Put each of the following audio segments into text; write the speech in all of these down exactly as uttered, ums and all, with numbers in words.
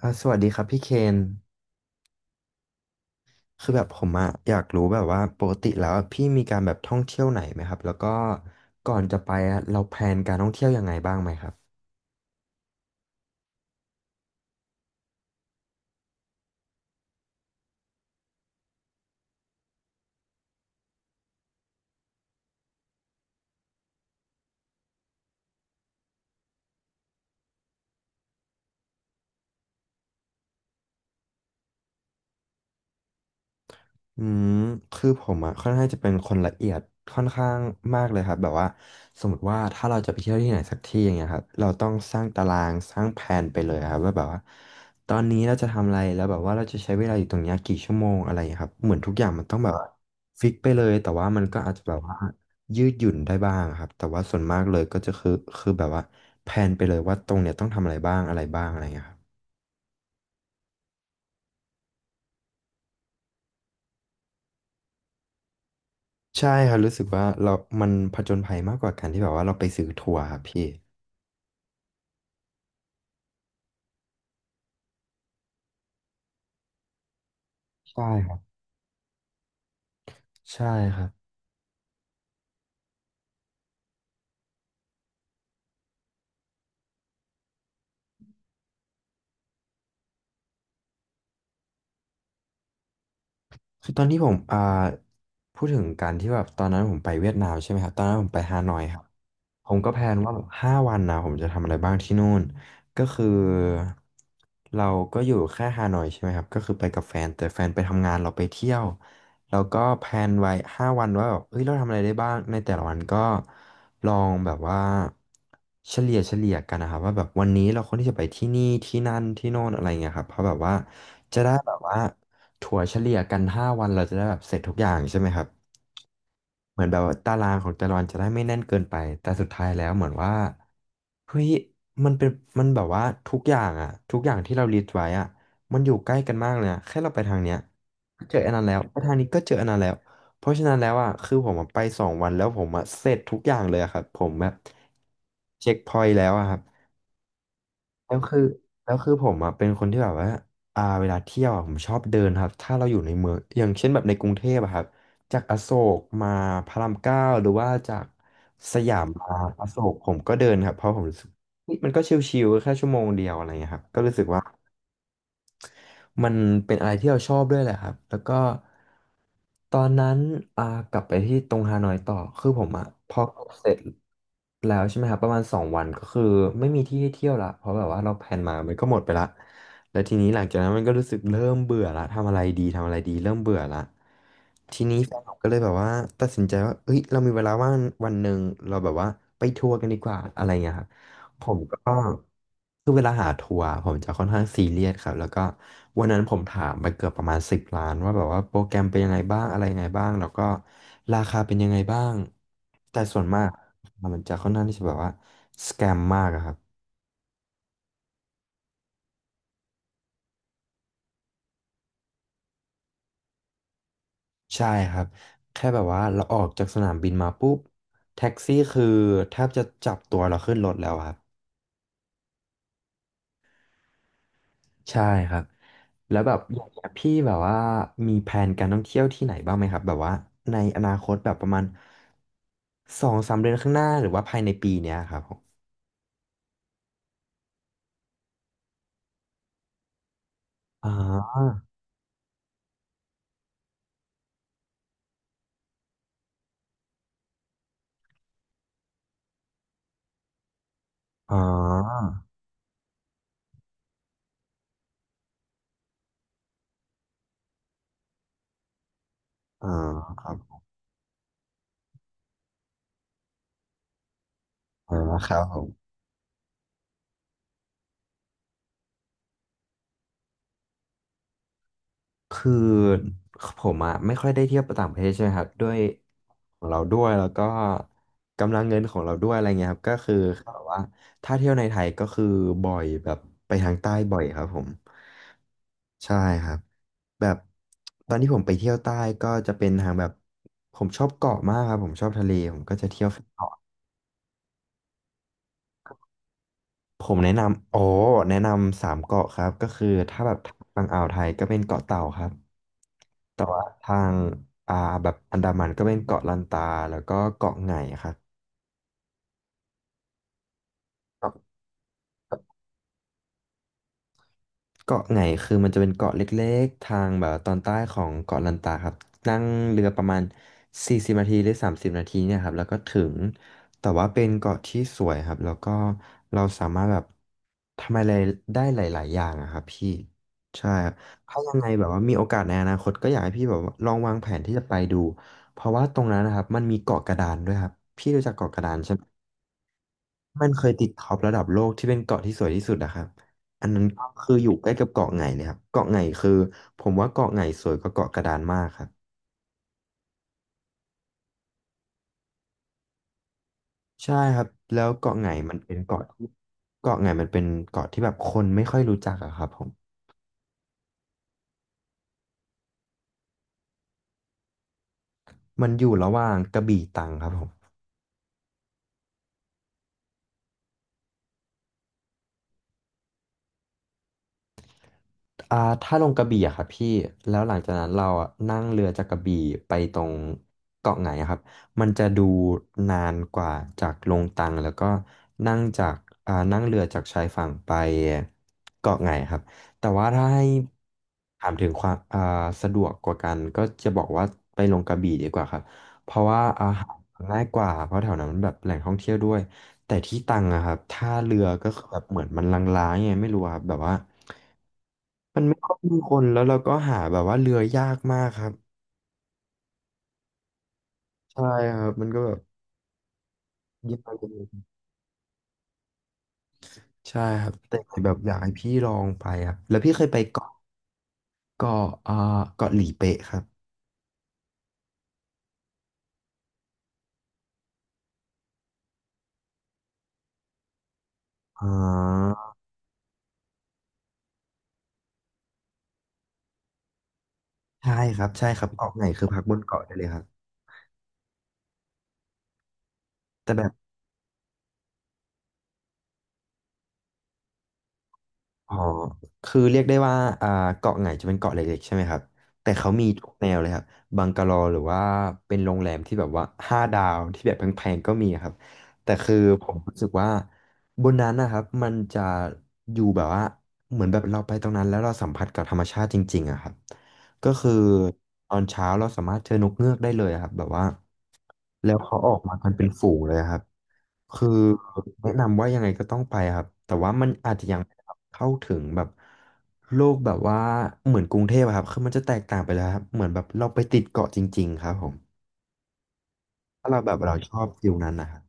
อ่าสวัสดีครับพี่เคนคือแบบผมอะอยากรู้แบบว่าปกติแล้วอะพี่มีการแบบท่องเที่ยวไหนไหมครับแล้วก็ก่อนจะไปอะเราแพลนการท่องเที่ยวยังไงบ้างไหมครับ อืมคือผมอะค่อนข้างจะเป็นคนละเอียดค่อนข้างมากเลยครับแบบว่าสมมติว่าถ้าเราจะไปเที่ยวที่ไหนสักที่อย่างเงี้ยครับเราต้องสร้างตารางสร้างแผนไปเลยครับว่าแบบว่าตอนนี้เราจะทำอะไรแล้วแบบว่าเราจะใช้เวลาอยู่ตรงเนี้ยกี่ชั่วโมงอะไรอย่างเงี้ยครับเหมือนทุกอย่างมันต้องแบบว่าฟิกไปเลยแต่ว่ามันก็อาจจะแบบว่ายืดหยุ่นได้บ้างครับแต่ว่าส่วนมากเลยก็จะคือคือแบบว่าแผนไปเลยว่าตรงเนี้ยต้องทำอะไรบ้างอะไรบ้างอะไรอย่างเงี้ยครับใช่ครับรู้สึกว่าเรามันผจญภัยมากกว่าการที่แบบว่าเราไปซื้อทัวร์ครับพี่ ใช่ครับใช่ครับคือตอนที่ผมอ่าพูดถึงการที่แบบตอนนั้นผมไปเวียดนามใช่ไหมครับตอนนั้นผมไปฮานอยครับ ผมก็แพลนว่าแบบห้าวันนะผมจะทำอะไรบ้างที่นู่นก็คือเราก็อยู่แค่ฮานอยใช่ไหมครับก็คือไปกับแฟนแต่แฟนไปทำงานเราไปเที่ยวเราก็แพลนไว้ห้าวันว่าแบบเฮ้ยเราทำอะไรได้บ้างในแต่ละวันก็ลองแบบว่าเฉลี่ยเฉลี่ยกันนะครับว่าแบบวันนี้เราควรที่จะไปที่นี่ที่นั่นที่โน่นอะไรเงี้ยครับเพราะแบบว่าจะได้แบบว่าถั่วเฉลี่ยกันห้าวันเราจะได้แบบเสร็จทุกอย่างใช่ไหมครับ เหมือนแบบว่าตารางของแต่ละวันจะได้ไม่แน่นเกินไปแต่สุดท้ายแล้วเหมือนว่าเฮ้ยมันเป็นมันแบบว่าทุกอย่างอะทุกอย่างที่เราลิสต์ไว้อะมันอยู่ใกล้กันมากเลยอะแค่เราไปทางเนี้ยก็เจออันนั้นแล้วไปทางนี้ก็เจออันนั้นแล้วเพราะฉะนั้นแล้วอะคือผมอะไปสองวันแล้วผมอะเสร็จทุกอย่างเลยอะครับผมแบบเช็คพอยต์แล้วอะครับ แล้วคือแล้วคือผมอ่ะเป็นคนที่แบบว่าอ่าเวลาเที่ยวอะผมชอบเดินครับถ้าเราอยู่ในเมืองอย่างเช่นแบบในกรุงเทพอะครับจากอโศกมาพระรามเก้าหรือว่าจากอ่าอโศกผมก็เดินครับเพราะผมรู้สึกเฮ้ยมันก็ชิลๆแค่ชั่วโมงเดียวอะไรเงี้ยครับก็รู้สึกว่า มันเป็นอะไรที่เราชอบด้วยแหละครับแล้วก็ตอนนั้นอ่ากลับไปที่ตรงฮานอยต่อคือผมอ่ะพอเสร็จแล้วใช่ไหมครับประมาณสองวันก็คือไม่มีที่ให้เที่ยวละเพราะแบบว่าเราแพลนมามันก็หมดไปละแล้วทีนี้หลังจากนั้นมันก็รู้สึกเริ่มเบื่อละทำอะไรดีทำอะไรดีเริ่มเบื่อละทีนี้แฟนผมก็เลยแบบว่าตัดสินใจว่าเอ้ยเรามีเวลาว่างวันหนึ่งเราแบบว่าไปทัวร์กันดีกว่าอะไรเงี้ยครับ ผมก็คือเวลาหาทัวร์ผมจะค่อนข้างซีเรียสครับแล้วก็วันนั้นผมถามไปเกือบประมาณสิบร้านว่าแบบว่าโปรแกรมเป็นยังไงบ้างอะไรยังไงบ้างแล้วก็ราคาเป็นยังไงบ้างแต่ส่วนมากมันจะค่อนข้างที่จะแบบว่าสแกมมากอะครับใช่ครับแค่แบบว่าเราออกจากสนามบินมาปุ๊บแท็กซี่คือแทบจะจับตัวเราขึ้นรถแล้วอะครับ ใช่ครับแล้วแบบอย่างเงี้ยพี่แบบว่ามีแผนการท่องเที่ยวที่ไหนบ้างไหมครับแบบว่าในอนาคตแบบประมาณสองสามเดือนข้างหน้าหรือว่าภายในปีเนี้ยครับผมอ๋ออ๋ออ๋อครับอ๋อครับผม คือผมอะไม่ค่อยได้เที่ยวต่างประเทศใช่ไหมครับด้วยของเราด้วยแล้วก็กำลังเงินของเราด้วยอะไรเงี้ยครับก็คือเขาบอกว่าถ้าเที่ยวในไทยก็คือบ่อยแบบไปทางใต้บ่อยครับผมใช่ครับแบบตอนที่ผมไปเที่ยวใต้ก็จะเป็นทางแบบผมชอบเกาะมากครับผมชอบทะเลผมก็จะเที่ยวเกาะผมแนะนำโอ้แนะนำสามเกาะครับก็คือถ้าแบบฝั่งอ่าวไทยก็เป็นเกาะเต่าครับ แต่ว่าทางอ่าแบบอันดามันก็เป็นเกาะลันตาแล้วก็เกาะไหงครับครับเกาะไหงคือมันจะเป็นเกาะเล็กๆทางแบบตอนใต้ของเกาะลันตาครับนั่งเรือประมาณสี่สิบนาทีหรือสามสิบนาทีเนี่ยครับแล้วก็ถึงแต่ว่าเป็นเกาะที่สวยครับแล้วก็เราสามารถแบบทำอะไรได้หลายๆอย่างอะครับพี่ใช่ครับถ้ายังไงแบบว่ามีโอกาสในอนาคตก็อยากให้พี่แบบว่าลองวางแผนที่จะไปดูเพราะว่าตรงนั้นนะครับมันมีเกาะกระดานด้วยครับพี่รู้จักเกาะกระดานใช่ไหม มันเคยติดท็อประดับโลกที่เป็นเกาะที่สวยที่สุดอะครับอันนั้นก็คืออยู่ใกล้กับเกาะไหงเลยครับเกาะไหงคือผมว่าเกาะไหงสวยกว่าเกาะกระดานมากครับใช่ครับแล้วเกาะไหงมันเป็นเกาะที่เกาะไหงมันเป็นเกาะที่แบบคนไม่ค่อยรู้จักอะครับผมมันอยู่ระหว่างกระบี่ตรังครับผม อ่าถ้าลงกระบี่อะครับพี่แล้วหลังจากนั้นเราอะนั่งเรือจากกระบี่ไปตรงเกาะไหงอะครับมันจะดูนานกว่าจากลงตังแล้วก็นั่งจากอ่านั่งเรือจากชายฝั่งไปเกาะไหงครับแต่ว่าถ้าให้ถามถึงความอ่าสะดวกกว่ากันก็จะบอกว่าไปลงกระบี่ดีกว่าครับเพราะว่าอาหารง่ายกว่าเพราะแถวนั้นมันแบบแหล่งท่องเที่ยวด้วยแต่ที่ตังอะครับถ้าเรือก็คือแบบเหมือนมันลางๆไงไม่รู้อะครับแบบว่า มันไม่ค่อยมีคนแล้วเราก็หาแบบว่าเรือยากมากครับใช่ครับมันก็แบบยากเลยใช่ครับแต่แบบอยากให้พี่ลองไปครับแล้วพี่เคยไปเกาะเกาะเอ่อเกาะหลีเป๊ะครับอ่าใช่ครับใช่ครับเกาะไหนคือพักบนเกาะได้เลยครับ อ๋อคือเรียกได้ว่าอ่าเกาะไหงจะเป็นเกาะเล็กๆใช่ไหมครับแต่เขามีทุกแนวเลยครับบังกะโลหรือว่าเป็นโรงแรมที่แบบว่าห้าดาวที่แบบแพงๆก็มีครับแต่คือผมรู้สึกว่าบนนั้นนะครับมันจะอยู่แบบว่า เหมือนแบบเราไปตรงนั้นแล้วเราสัมผัสกับธรรมชาติจริงๆอะครับก็คือตอนเช้าเราสามารถเจอนกเงือกได้เลยอะครับแบบว่าแล้วเขาออกมากันเป็นฝูงเลยอะครับ คือแนะนำว่ายังไงก็ต้องไปครับแต่ว่ามันอาจจะยังไม่ได้เข้าถึงแบบโลกแบบว่าเหมือนกรุงเทพอะครับคือมันจะแตกต่างไปแล้วครับเหมือนแบบเราไปติดเกาะจริงๆครับผมถ้าเราแบบเราชอบฟิลนั้นนะครับ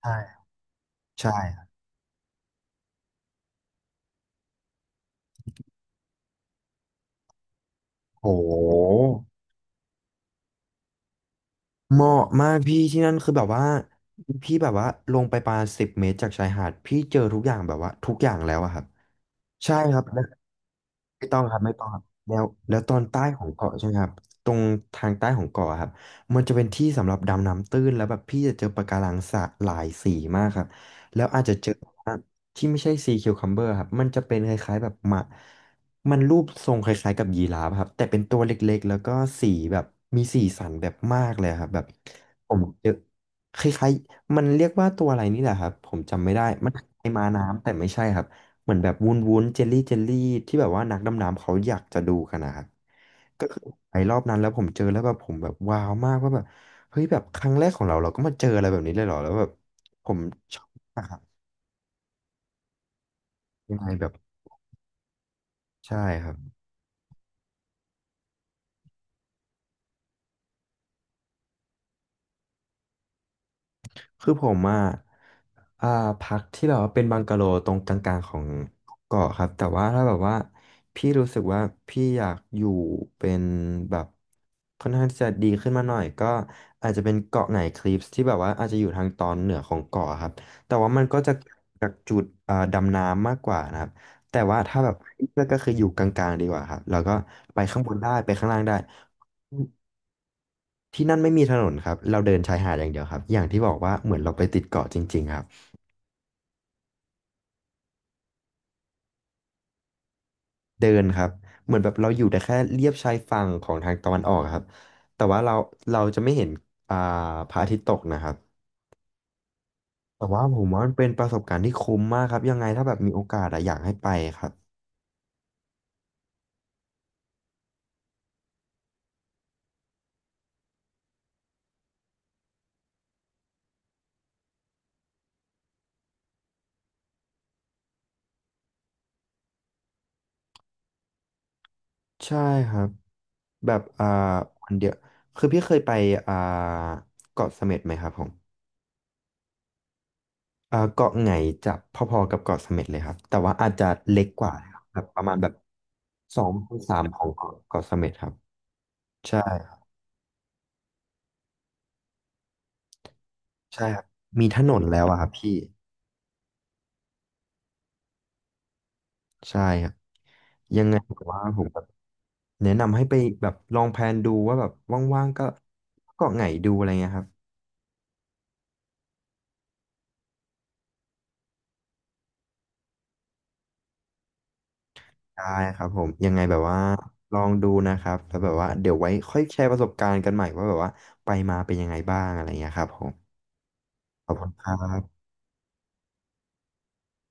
ใช่ใช่ครับโหเหมาะมากพี่ที่นั่นคือแบบว่าพี่แบบว่าลงไปประมาณสิบเมตรจากชายหาดพี่เจอทุกอย่างแบบว่าทุกอย่างแล้วอะครับ ใช่ครับแล้วไม่ต้องครับไม่ต้องครับแล้วแล้วตอนใต้ของเกาะใช่ไหมครับตรงทางใต้ของเกาะครับมันจะเป็นที่สำหรับดำน้ำตื้นแล้วแบบพี่จะเจอปะการังสะหลายสีมากครับแล้วอาจจะเจอที่ไม่ใช่ซีคิวคัมเบอร์ครับมันจะเป็นคล้ายๆแบบหมามันรูปทรงคล้ายๆกับยีราฟครับแต่เป็นตัวเล็กๆแล้วก็สีแบบมีสีสันแบบมากเลยครับแบบผมเจอคล้ายๆมันเรียกว่าตัวอะไรนี่แหละครับผมจำไม่ได้มันคล้ายๆม้าน้ำแต่ไม่ใช่ครับ เหมือนแบบวุ้นวุ้นเจลลี่เจลลี่ที่แบบว่านักดำน้ำเขาอยากจะดูกันนะครับก็คือไปรอบนั้นแล้วผมเจอแล้วแบบผมแบบว้าวมากว่าแบบเฮ้ยแบบครั้งแรกของเราเราก็มาเจออะไรแบบนี้เลยเหรอแล้วแบบผมชอบมากครับยังไงแบบใช่ครับ คือผมอ่ะอ่าพักที่แบบว่าเป็นบังกะโลตรงกลางๆของเกาะครับแต่ว่าถ้าแบบว่าพี่รู้สึกว่าพี่อยากอยู่เป็นแบบค่อนข้างที่จะดีขึ้นมาหน่อยก็อาจจะเป็นเกาะไหนคลิปที่แบบว่าอาจจะอยู่ทางตอนเหนือของเกาะครับแต่ว่ามันก็จะจากจุดอ่าดำน้ำมากกว่านะครับแต่ว่าถ้าแบบเลือกก็คืออยู่กลางๆดีกว่าครับแล้วก็ไปข้างบนได้ไปข้างล่างได้ ที่นั่นไม่มีถนนครับเราเดินชายหาดอย่างเดียวครับอย่างที่บอกว่าเหมือนเราไปติดเกาะจริงๆครับเดินครับเหมือนแบบเราอยู่แต่แค่เลียบชายฝั่งของทางตะวันออกครับแต่ว่าเราเราจะไม่เห็นอ่าพระอาทิตย์ตกนะครับ แต่ว่าผมว่ามันเป็นประสบการณ์ที่คุ้มมากครับยังไงถ้าแบบมีโอกาสอะอยากให้ไปครับใช่ครับ แบบอ่าวันเดียว คือพี่เคยไปอ่าเกาะเสม็ดไหมครับผม เอ่อเกาะไหงจะพอๆกับเกาะเสม็ดเลยครับแต่ว่าอาจจะเล็กกว่านะครับแบบประมาณแบบสองถึงสามของเกาะเกาะเสม็ดครับใช่ครับใช่ครับมีถนนแล้วอะครับพี่ใช่ครับยังไงผมว่าผมแบบแนะนำให้ไปแบบลองแพลนดูว่าแบบว่างๆก็เกาะไหงดูอะไรเงี้ยครับได้ครับผมยังไงแบบว่าลองดูนะครับแล้วแบบว่าเดี๋ยวไว้ค่อยแชร์ประสบการณ์กันใหม่ว่าแบบว่าไปมาเป็นยังไงบ้างอะไรเงี้ยครับผมขอบคุณครับ